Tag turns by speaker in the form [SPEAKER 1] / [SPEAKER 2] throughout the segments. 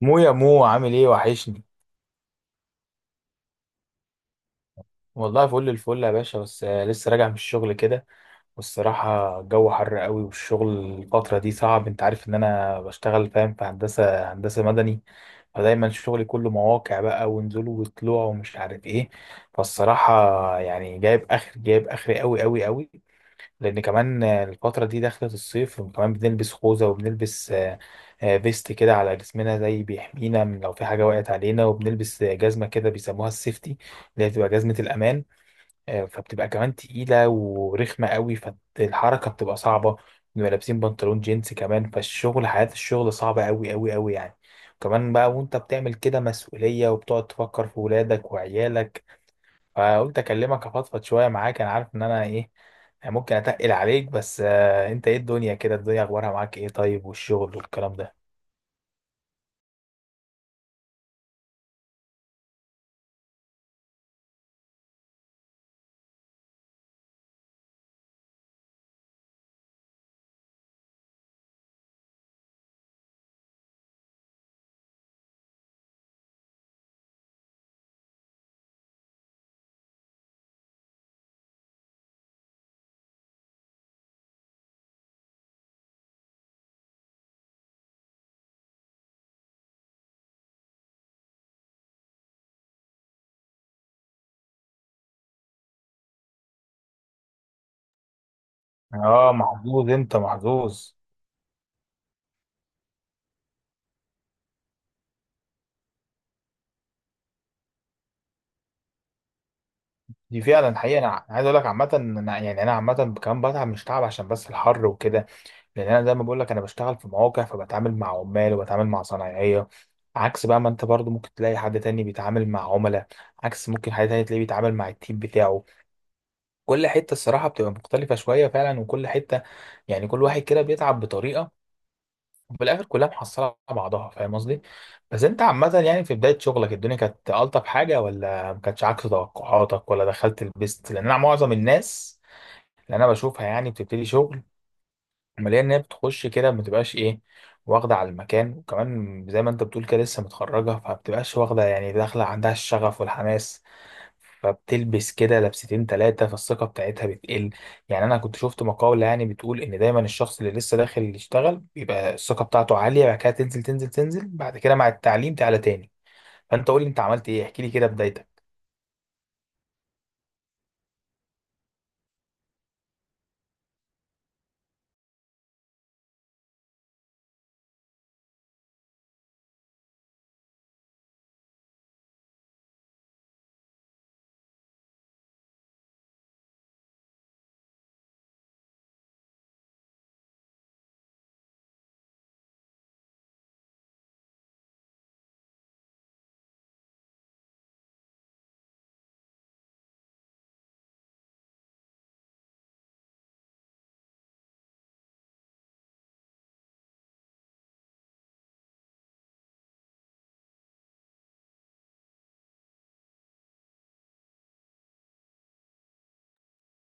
[SPEAKER 1] يا مو, عامل ايه؟ وحشني. والله فل الفل يا باشا، بس لسه راجع من الشغل كده. والصراحة الجو حر قوي، والشغل الفترة دي صعب. انت عارف ان انا بشتغل، فاهم، في هندسة مدني، فدايما شغلي كله مواقع بقى ونزول وطلوع ومش عارف ايه. فالصراحة يعني جايب اخر قوي قوي قوي، لان كمان الفتره دي دخلت الصيف، وكمان بنلبس خوذه، وبنلبس فيست كده على جسمنا زي بيحمينا من لو في حاجه وقعت علينا، وبنلبس جزمه كده بيسموها السيفتي اللي هي بتبقى جزمه الامان. فبتبقى كمان تقيله ورخمه قوي، فالحركه بتبقى صعبه. بنبقى لابسين بنطلون جينز كمان، فالشغل، حياه الشغل صعبه قوي قوي قوي يعني. كمان بقى وانت بتعمل كده مسؤوليه وبتقعد تفكر في ولادك وعيالك. فقلت اكلمك افضفض شويه معاك. انا عارف ان انا ايه، يعني ممكن اتقل عليك، بس انت ايه الدنيا كده؟ الدنيا اخبارها معاك ايه؟ طيب والشغل والكلام ده؟ اه، محظوظ، انت محظوظ. دي فعلا حقيقة. انا عايز اقول لك عامة إن يعني انا عامة كمان بتعب، مش تعب عشان بس الحر وكده، لان انا زي ما بقول لك انا بشتغل في مواقع، فبتعامل مع عمال وبتعامل مع صنايعية. عكس بقى ما انت برضو ممكن تلاقي حد تاني بيتعامل مع عملاء، عكس ممكن حد تاني تلاقيه بيتعامل مع التيم بتاعه. كل حتة الصراحة بتبقى مختلفة شوية فعلا، وكل حتة يعني كل واحد كده بيتعب بطريقة. وفي الاخر كلها محصله على بعضها، فاهم قصدي؟ بس انت عامه يعني في بدايه شغلك الدنيا كانت الطف حاجه، ولا ما كانتش، عكس توقعاتك، ولا دخلت البيست؟ لان انا معظم الناس اللي انا بشوفها يعني بتبتدي شغل، ملاقي ان هي بتخش كده، ما بتبقاش ايه، واخده على المكان. وكمان زي ما انت بتقول كده لسه متخرجه، فما بتبقاش واخده، يعني داخله عندها الشغف والحماس، فبتلبس كده لبستين تلاتة، فالثقة بتاعتها بتقل. يعني أنا كنت شفت مقالة يعني بتقول إن دايما الشخص اللي لسه داخل يشتغل بيبقى الثقة بتاعته عالية، بعد كده تنزل تنزل تنزل، بعد كده مع التعليم تعلى تاني. فأنت قول لي أنت عملت إيه، احكي لي كده بدايتك.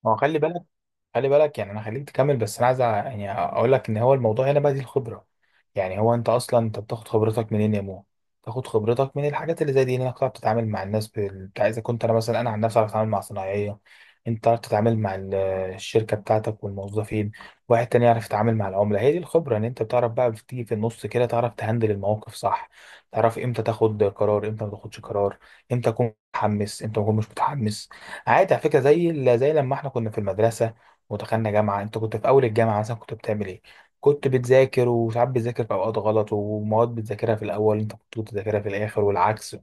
[SPEAKER 1] ما هو خلي بالك، خلي بالك، يعني انا خليك تكمل، بس انا عايز يعني اقول لك ان هو الموضوع هنا بقى دي الخبره. يعني هو انت اصلا، انت بتاخد خبرتك منين يا مو؟ تاخد خبرتك من الحاجات اللي زي دي، انك تعرف تتعامل مع الناس بتاع. اذا كنت انا مثلا، انا عن نفسي اعرف اتعامل مع صناعيه، انت تعرف تتعامل مع الشركه بتاعتك والموظفين، واحد تاني يعرف يتعامل مع العملاء. هي دي الخبره، ان انت بتعرف بقى، بتيجي في النص كده تعرف تهندل المواقف، صح؟ تعرف امتى تاخد قرار، امتى ما تاخدش قرار، امتى تكون متحمس، امتى ما تكون مش متحمس. عادي، على فكره، زي زي لما احنا كنا في المدرسه ودخلنا جامعة. انت كنت في اول الجامعة مثلا كنت بتعمل ايه؟ كنت بتذاكر، وساعات بتذاكر في اوقات غلط، ومواد بتذاكرها في الاول انت كنت بتذاكرها في الاخر والعكس.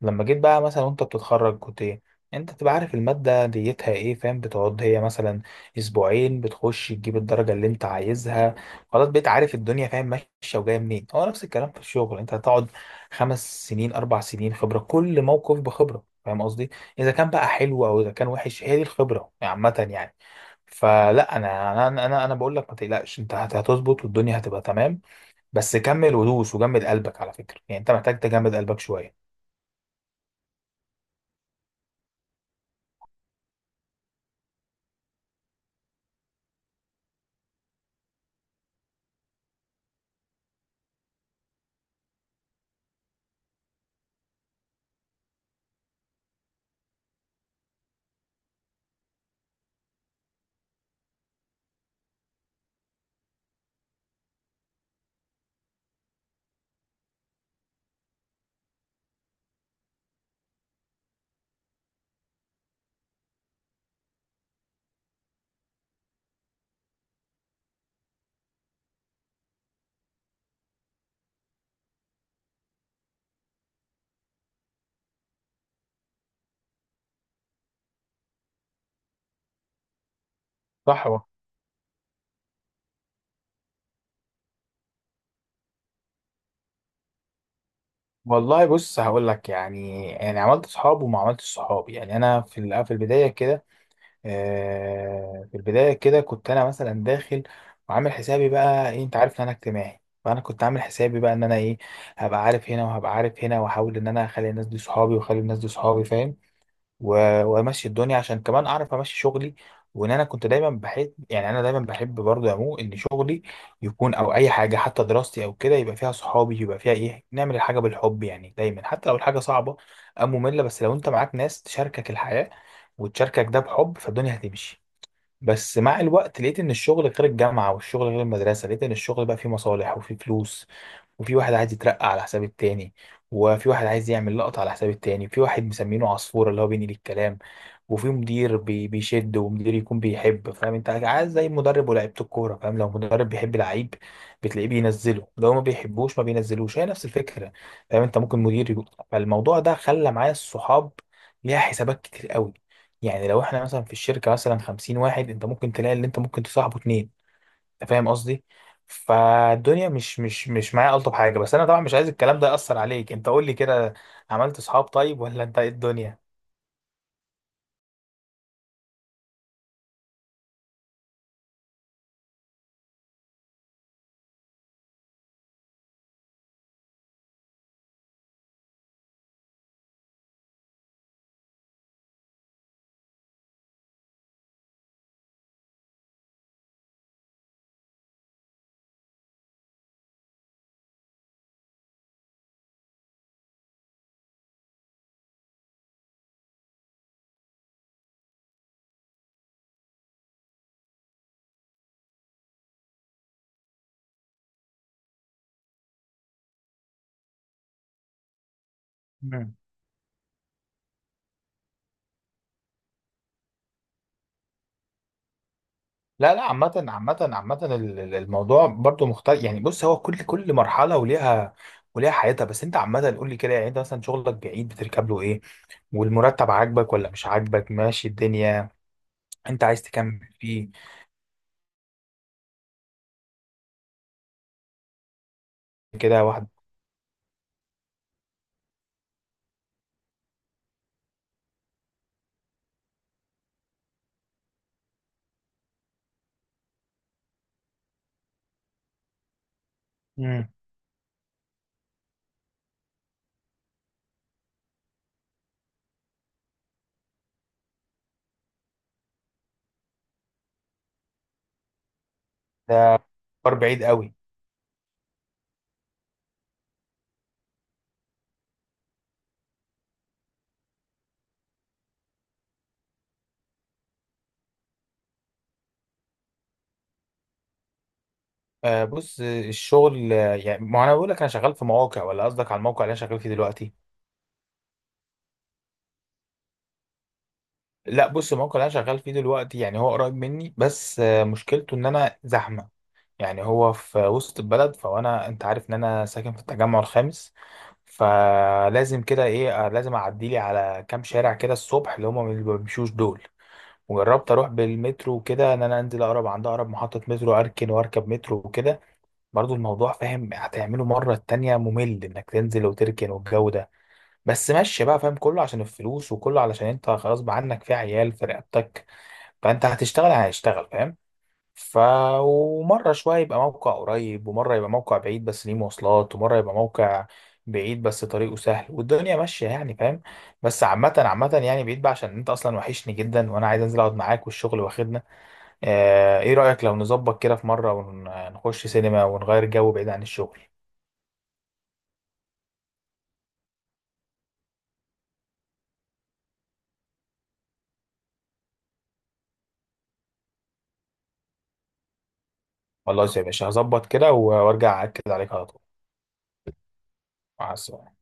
[SPEAKER 1] لما جيت بقى مثلا وانت بتتخرج كنت ايه؟ انت تبقى عارف المادة ديتها ايه، فاهم؟ بتقعد هي مثلا اسبوعين، بتخش تجيب الدرجة اللي انت عايزها. خلاص، بقيت عارف الدنيا، فاهم، ماشية وجاية منين. هو نفس الكلام في الشغل، انت هتقعد 5 سنين، 4 سنين خبرة، كل موقف بخبرة، فاهم قصدي؟ اذا كان بقى حلو او اذا كان وحش، هي دي الخبرة عامة يعني. فلا، انا انا انا انا أنا بقول لك ما تقلقش، انت هتظبط والدنيا هتبقى تمام. بس كمل ودوس وجمد قلبك، على فكرة يعني انت محتاج تجمد قلبك شوية. صح. والله بص هقول لك، يعني عملت صحاب وما عملتش صحاب. يعني انا في في البدايه كده، في البدايه كده كنت انا مثلا داخل وعامل حسابي بقى إيه، انت عارف ان انا اجتماعي، فانا كنت عامل حسابي بقى ان انا ايه، هبقى عارف هنا وهبقى عارف هنا، واحاول ان انا اخلي الناس دي صحابي واخلي الناس دي صحابي، فاهم؟ وامشي الدنيا عشان كمان اعرف امشي شغلي. وان انا كنت دايما بحب، يعني انا دايما بحب برضه يا مو ان شغلي يكون، او اي حاجه حتى دراستي او كده، يبقى فيها صحابي، يبقى فيها ايه، نعمل الحاجه بالحب يعني. دايما حتى لو الحاجه صعبه او ممله، بس لو انت معاك ناس تشاركك الحياه وتشاركك ده بحب، فالدنيا هتمشي. بس مع الوقت لقيت ان الشغل غير الجامعه، والشغل غير المدرسه. لقيت ان الشغل بقى فيه مصالح وفيه فلوس، وفي واحد عايز يترقى على حساب التاني، وفي واحد عايز يعمل لقطة على حساب التاني، وفي واحد مسمينه عصفورة اللي هو بينقل الكلام، وفي مدير بيشد، ومدير يكون بيحب، فاهم؟ انت عايز زي مدرب ولاعيبة الكورة، فاهم؟ لو مدرب بيحب لعيب بتلاقيه بينزله، لو ما بيحبوش ما بينزلوش، هي نفس الفكرة. فاهم؟ انت ممكن مدير يقول، فالموضوع ده خلى معايا الصحاب ليها حسابات كتير قوي. يعني لو احنا مثلا في الشركة مثلا 50 واحد، انت ممكن تلاقي اللي انت ممكن تصاحبه 2، انت فاهم قصدي؟ فالدنيا مش معايا ألطف حاجة. بس انا طبعا مش عايز الكلام ده يأثر عليك. انت قول لي كده، عملت صحاب طيب ولا انت ايه الدنيا؟ مم. لا لا، عامة عامة عامة، الموضوع برضو مختلف يعني. بص، هو كل مرحلة وليها، وليها حياتها. بس انت عامة قول لي كده، يعني انت مثلا شغلك بعيد، بتركب له ايه؟ والمرتب عاجبك ولا مش عاجبك؟ ماشي الدنيا، انت عايز تكمل فيه؟ كده واحد، ده فار بعيد قوي. آه بص، الشغل، يعني ما انا بقول لك انا شغال في مواقع، ولا قصدك على الموقع اللي انا شغال فيه دلوقتي؟ لا بص، الموقع اللي انا شغال فيه دلوقتي يعني هو قريب مني، بس آه مشكلته ان انا زحمه. يعني هو في وسط البلد، فانا انت عارف ان انا ساكن في التجمع الخامس، فلازم كده ايه، لازم اعدي لي على كام شارع كده الصبح اللي هم ما بيمشوش دول. وجربت اروح بالمترو وكده، ان انا انزل اقرب عند اقرب محطه مترو، اركن واركب مترو وكده. برضو الموضوع، فاهم، هتعمله مرة التانية ممل انك تنزل وتركن والجو ده. بس مشي بقى، فاهم، كله عشان الفلوس، وكله علشان انت خلاص بقى عنك في عيال في رقبتك، فانت هتشتغل هتشتغل، فاهم؟ ف، ومرة شوية يبقى موقع قريب، ومرة يبقى موقع بعيد بس ليه مواصلات، ومرة يبقى موقع بعيد بس طريقه سهل والدنيا ماشية يعني، فاهم؟ بس عامة عامة يعني بعيد بقى. عشان انت اصلا وحشني جدا، وانا عايز انزل اقعد معاك، والشغل واخدنا. ايه رأيك لو نظبط كده في مرة ونخش سينما ونغير جو بعيد عن الشغل؟ خلاص يا باشا، هظبط كده وارجع اكد عليك على طول. مع السلامه.